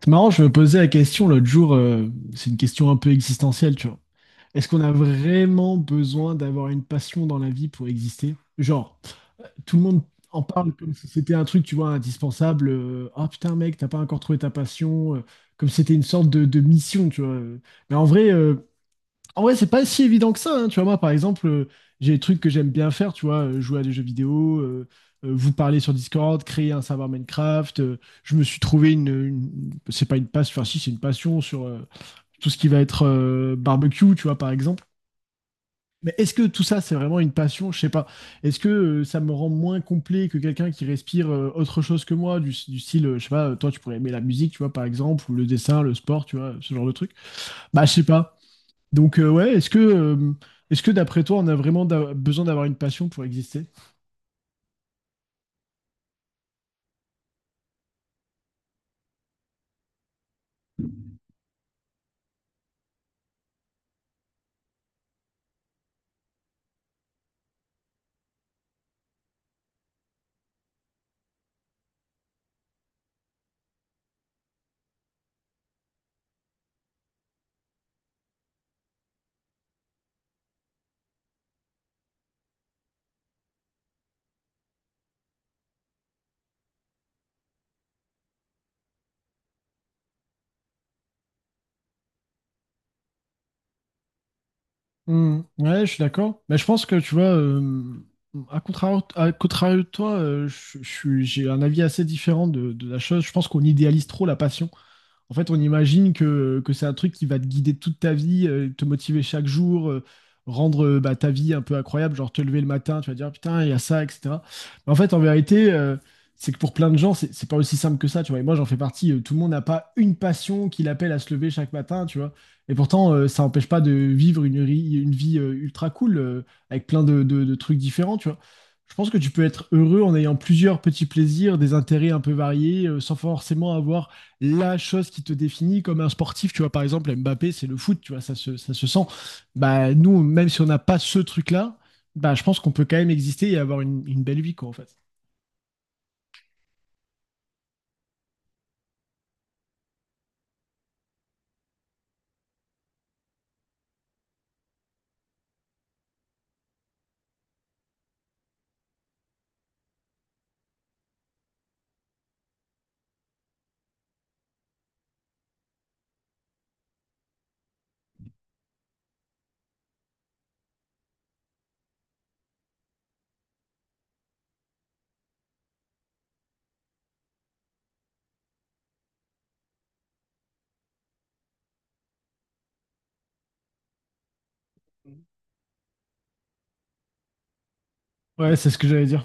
C'est marrant, je me posais la question l'autre jour, c'est une question un peu existentielle, tu vois. Est-ce qu'on a vraiment besoin d'avoir une passion dans la vie pour exister? Genre, tout le monde en parle comme si c'était un truc, tu vois, indispensable. Ah putain, mec, t'as pas encore trouvé ta passion. Comme si c'était une sorte de mission, tu vois. Mais en vrai, c'est pas si évident que ça. Hein. Tu vois, moi, par exemple, j'ai des trucs que j'aime bien faire, tu vois, jouer à des jeux vidéo, vous parler sur Discord, créer un serveur Minecraft. Je me suis trouvé c'est pas une passion, enfin si, c'est une passion sur tout ce qui va être barbecue, tu vois, par exemple. Mais est-ce que tout ça, c'est vraiment une passion? Je sais pas. Est-ce que ça me rend moins complet que quelqu'un qui respire autre chose que moi, du style, je sais pas, toi, tu pourrais aimer la musique, tu vois, par exemple, ou le dessin, le sport, tu vois, ce genre de truc. Bah, je sais pas. Donc, ouais, est-ce que d'après toi, on a vraiment besoin d'avoir une passion pour exister? Hmm, ouais, je suis d'accord. Mais je pense que, tu vois, à contrario de toi, j'ai un avis assez différent de la chose. Je pense qu'on idéalise trop la passion. En fait, on imagine que c'est un truc qui va te guider toute ta vie, te motiver chaque jour, rendre bah, ta vie un peu incroyable, genre te lever le matin, tu vas dire putain, il y a ça, etc. Mais en fait, en vérité, c'est que pour plein de gens, c'est pas aussi simple que ça, tu vois. Et moi, j'en fais partie. Tout le monde n'a pas une passion qui l'appelle à se lever chaque matin, tu vois. Et pourtant, ça n'empêche pas de vivre une vie ultra cool, avec plein de trucs différents, tu vois. Je pense que tu peux être heureux en ayant plusieurs petits plaisirs, des intérêts un peu variés, sans forcément avoir la chose qui te définit comme un sportif. Tu vois, par exemple, Mbappé, c'est le foot, tu vois, ça se sent. Bah, nous, même si on n'a pas ce truc-là, bah, je pense qu'on peut quand même exister et avoir une belle vie, quoi, en fait. Ouais, c'est ce que j'allais dire.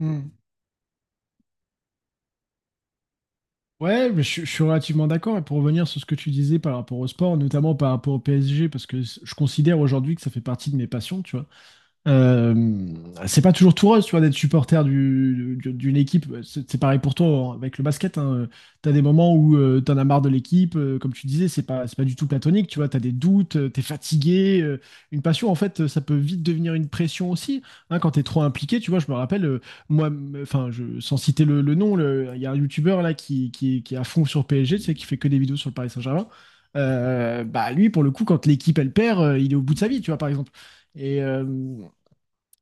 Mm. Ouais, mais je suis relativement d'accord. Et pour revenir sur ce que tu disais par rapport au sport, notamment par rapport au PSG, parce que je considère aujourd'hui que ça fait partie de mes passions, tu vois. Euh, c'est pas toujours tout rose, tu vois, d'être supporter d'une équipe. C'est pareil pour toi hein, avec le basket. Hein. T'as des moments où t'en as marre de l'équipe. Comme tu disais, c'est pas du tout platonique. Tu vois, t'as des doutes, t'es fatigué. Une passion, en fait, ça peut vite devenir une pression aussi. Hein, quand t'es trop impliqué, tu vois, je me rappelle, moi, enfin, sans citer le nom, il y a un youtubeur là qui est à fond sur PSG, tu sais, qui fait que des vidéos sur le Paris Saint-Germain. Bah lui, pour le coup, quand l'équipe elle perd, il est au bout de sa vie, tu vois, par exemple. Et, euh,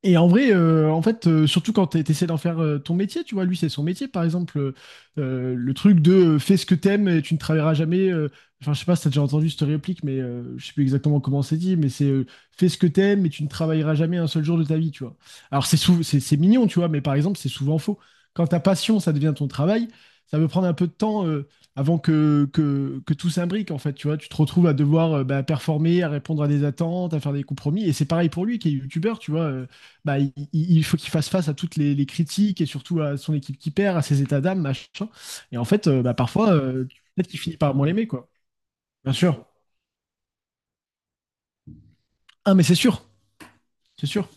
et en vrai, en fait, surtout quand tu essaies d'en faire ton métier, tu vois, lui, c'est son métier. Par exemple, le truc de fais ce que t'aimes et tu ne travailleras jamais. Enfin, je sais pas si t'as déjà entendu cette réplique, mais je sais plus exactement comment c'est dit, mais c'est fais ce que t'aimes et tu ne travailleras jamais un seul jour de ta vie, tu vois. Alors, c'est sou- c'est mignon, tu vois, mais par exemple, c'est souvent faux. Quand ta passion, ça devient ton travail, ça peut prendre un peu de temps avant que, que tout s'imbrique, en fait, tu vois. Tu te retrouves à devoir bah, performer, à répondre à des attentes, à faire des compromis. Et c'est pareil pour lui qui est youtubeur, tu vois. Bah, il faut qu'il fasse face à toutes les critiques et surtout à son équipe qui perd, à ses états d'âme, machin. Et en fait, bah, parfois, peut-être qu'il finit par moins l'aimer, quoi. Bien sûr. Ah, mais c'est sûr, c'est sûr.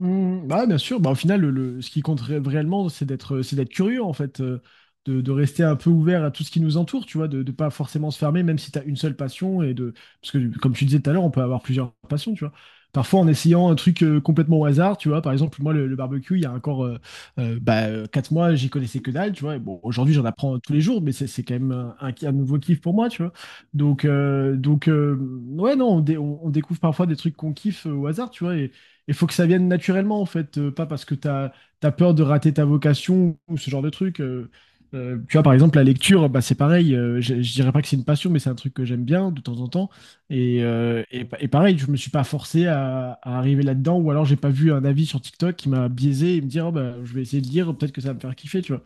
Bah, bien sûr, bah, au final, ce qui compte réellement, c'est d'être curieux, en fait, de rester un peu ouvert à tout ce qui nous entoure, tu vois, de ne pas forcément se fermer, même si tu as une seule passion, et parce que, comme tu disais tout à l'heure, on peut avoir plusieurs passions, tu vois. Parfois, en essayant un truc complètement au hasard, tu vois, par exemple, moi, le barbecue, il y a encore bah, quatre mois, j'y connaissais que dalle, tu vois, et bon, aujourd'hui, j'en apprends tous les jours, mais c'est quand même un nouveau kiff pour moi, tu vois. Donc, ouais, non, on découvre parfois des trucs qu'on kiffe au hasard, tu vois, et il faut que ça vienne naturellement, en fait, pas parce que tu as, peur de rater ta vocation ou ce genre de truc. Tu vois, par exemple, la lecture, bah, c'est pareil. Je dirais pas que c'est une passion, mais c'est un truc que j'aime bien de temps en temps. Et pareil, je me suis pas forcé à arriver là-dedans, ou alors j'ai pas vu un avis sur TikTok qui m'a biaisé et me dire, oh, bah, je vais essayer de lire, peut-être que ça va me faire kiffer, tu vois.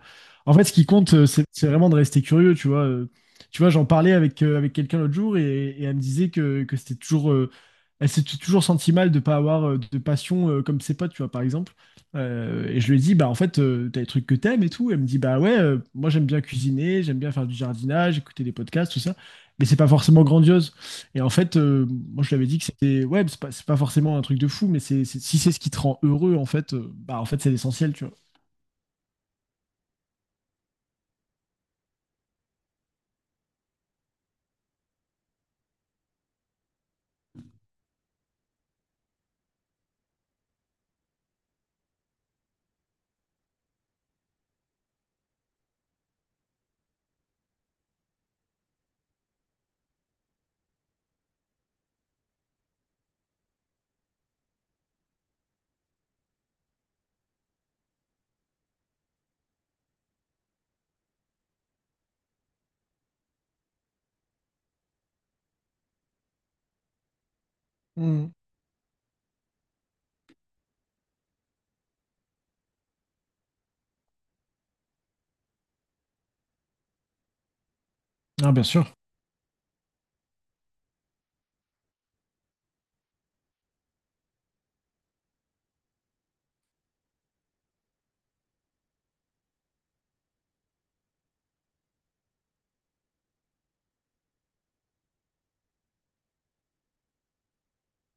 En fait, ce qui compte, c'est vraiment de rester curieux, tu vois. Tu vois, j'en parlais avec quelqu'un l'autre jour et elle me disait que c'était toujours elle s'est toujours sentie mal de pas avoir de passion comme ses potes, tu vois, par exemple. Et je lui ai dit, bah en fait, t'as des trucs que t'aimes et tout. Elle me dit, bah ouais, moi j'aime bien cuisiner, j'aime bien faire du jardinage, écouter des podcasts, tout ça. Mais c'est pas forcément grandiose. Et en fait, moi je lui avais dit que c'était, ouais, c'est pas forcément un truc de fou, mais si c'est ce qui te rend heureux, en fait, bah en fait c'est l'essentiel, tu vois. Mm. Ah, bien sûr.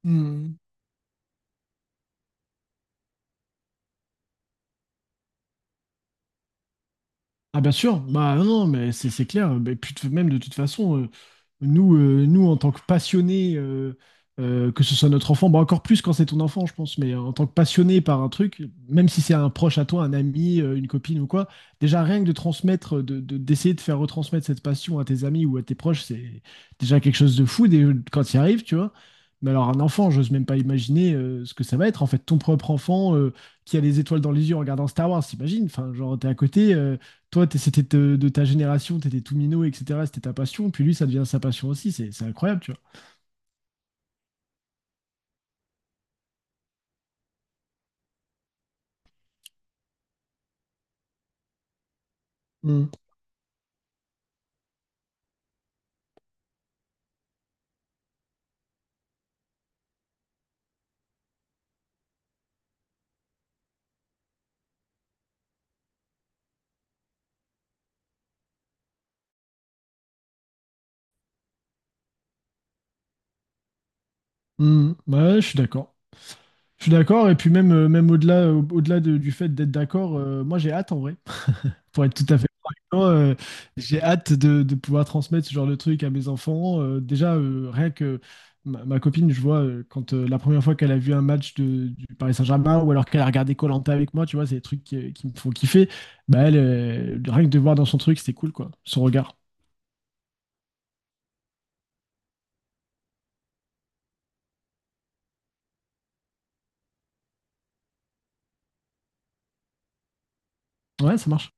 Mm. Ah bien sûr, bah non, non, mais c'est clair. Mais puis même de toute façon, nous, nous en tant que passionnés, que ce soit notre enfant, bah encore plus quand c'est ton enfant, je pense, mais en tant que passionné par un truc, même si c'est un proche à toi, un ami, une copine ou quoi, déjà rien que de transmettre, d'essayer de faire retransmettre cette passion à tes amis ou à tes proches, c'est déjà quelque chose de fou quand tu y arrives, tu vois. Mais alors un enfant, j'ose même pas imaginer ce que ça va être. En fait, ton propre enfant qui a les étoiles dans les yeux en regardant Star Wars, t'imagines? Enfin, genre t'es à côté. Toi, c'était de ta génération, t'étais tout minot, etc. C'était ta passion. Puis lui, ça devient sa passion aussi. C'est incroyable, tu vois. Mm. Mm. Ouais, je suis d'accord. Je suis d'accord. Et puis même, même au-delà, au-delà du fait d'être d'accord, moi j'ai hâte en vrai. Pour être tout à fait franc, avec toi, j'ai hâte de pouvoir transmettre ce genre de truc à mes enfants. Déjà, rien que ma copine, je vois, quand la première fois qu'elle a vu un match du Paris Saint-Germain ou alors qu'elle a regardé koh avec moi, tu vois, c'est des trucs qui me font kiffer. Bah, elle, rien que de voir dans son truc, c'était cool, quoi, son regard. Ouais, ça marche.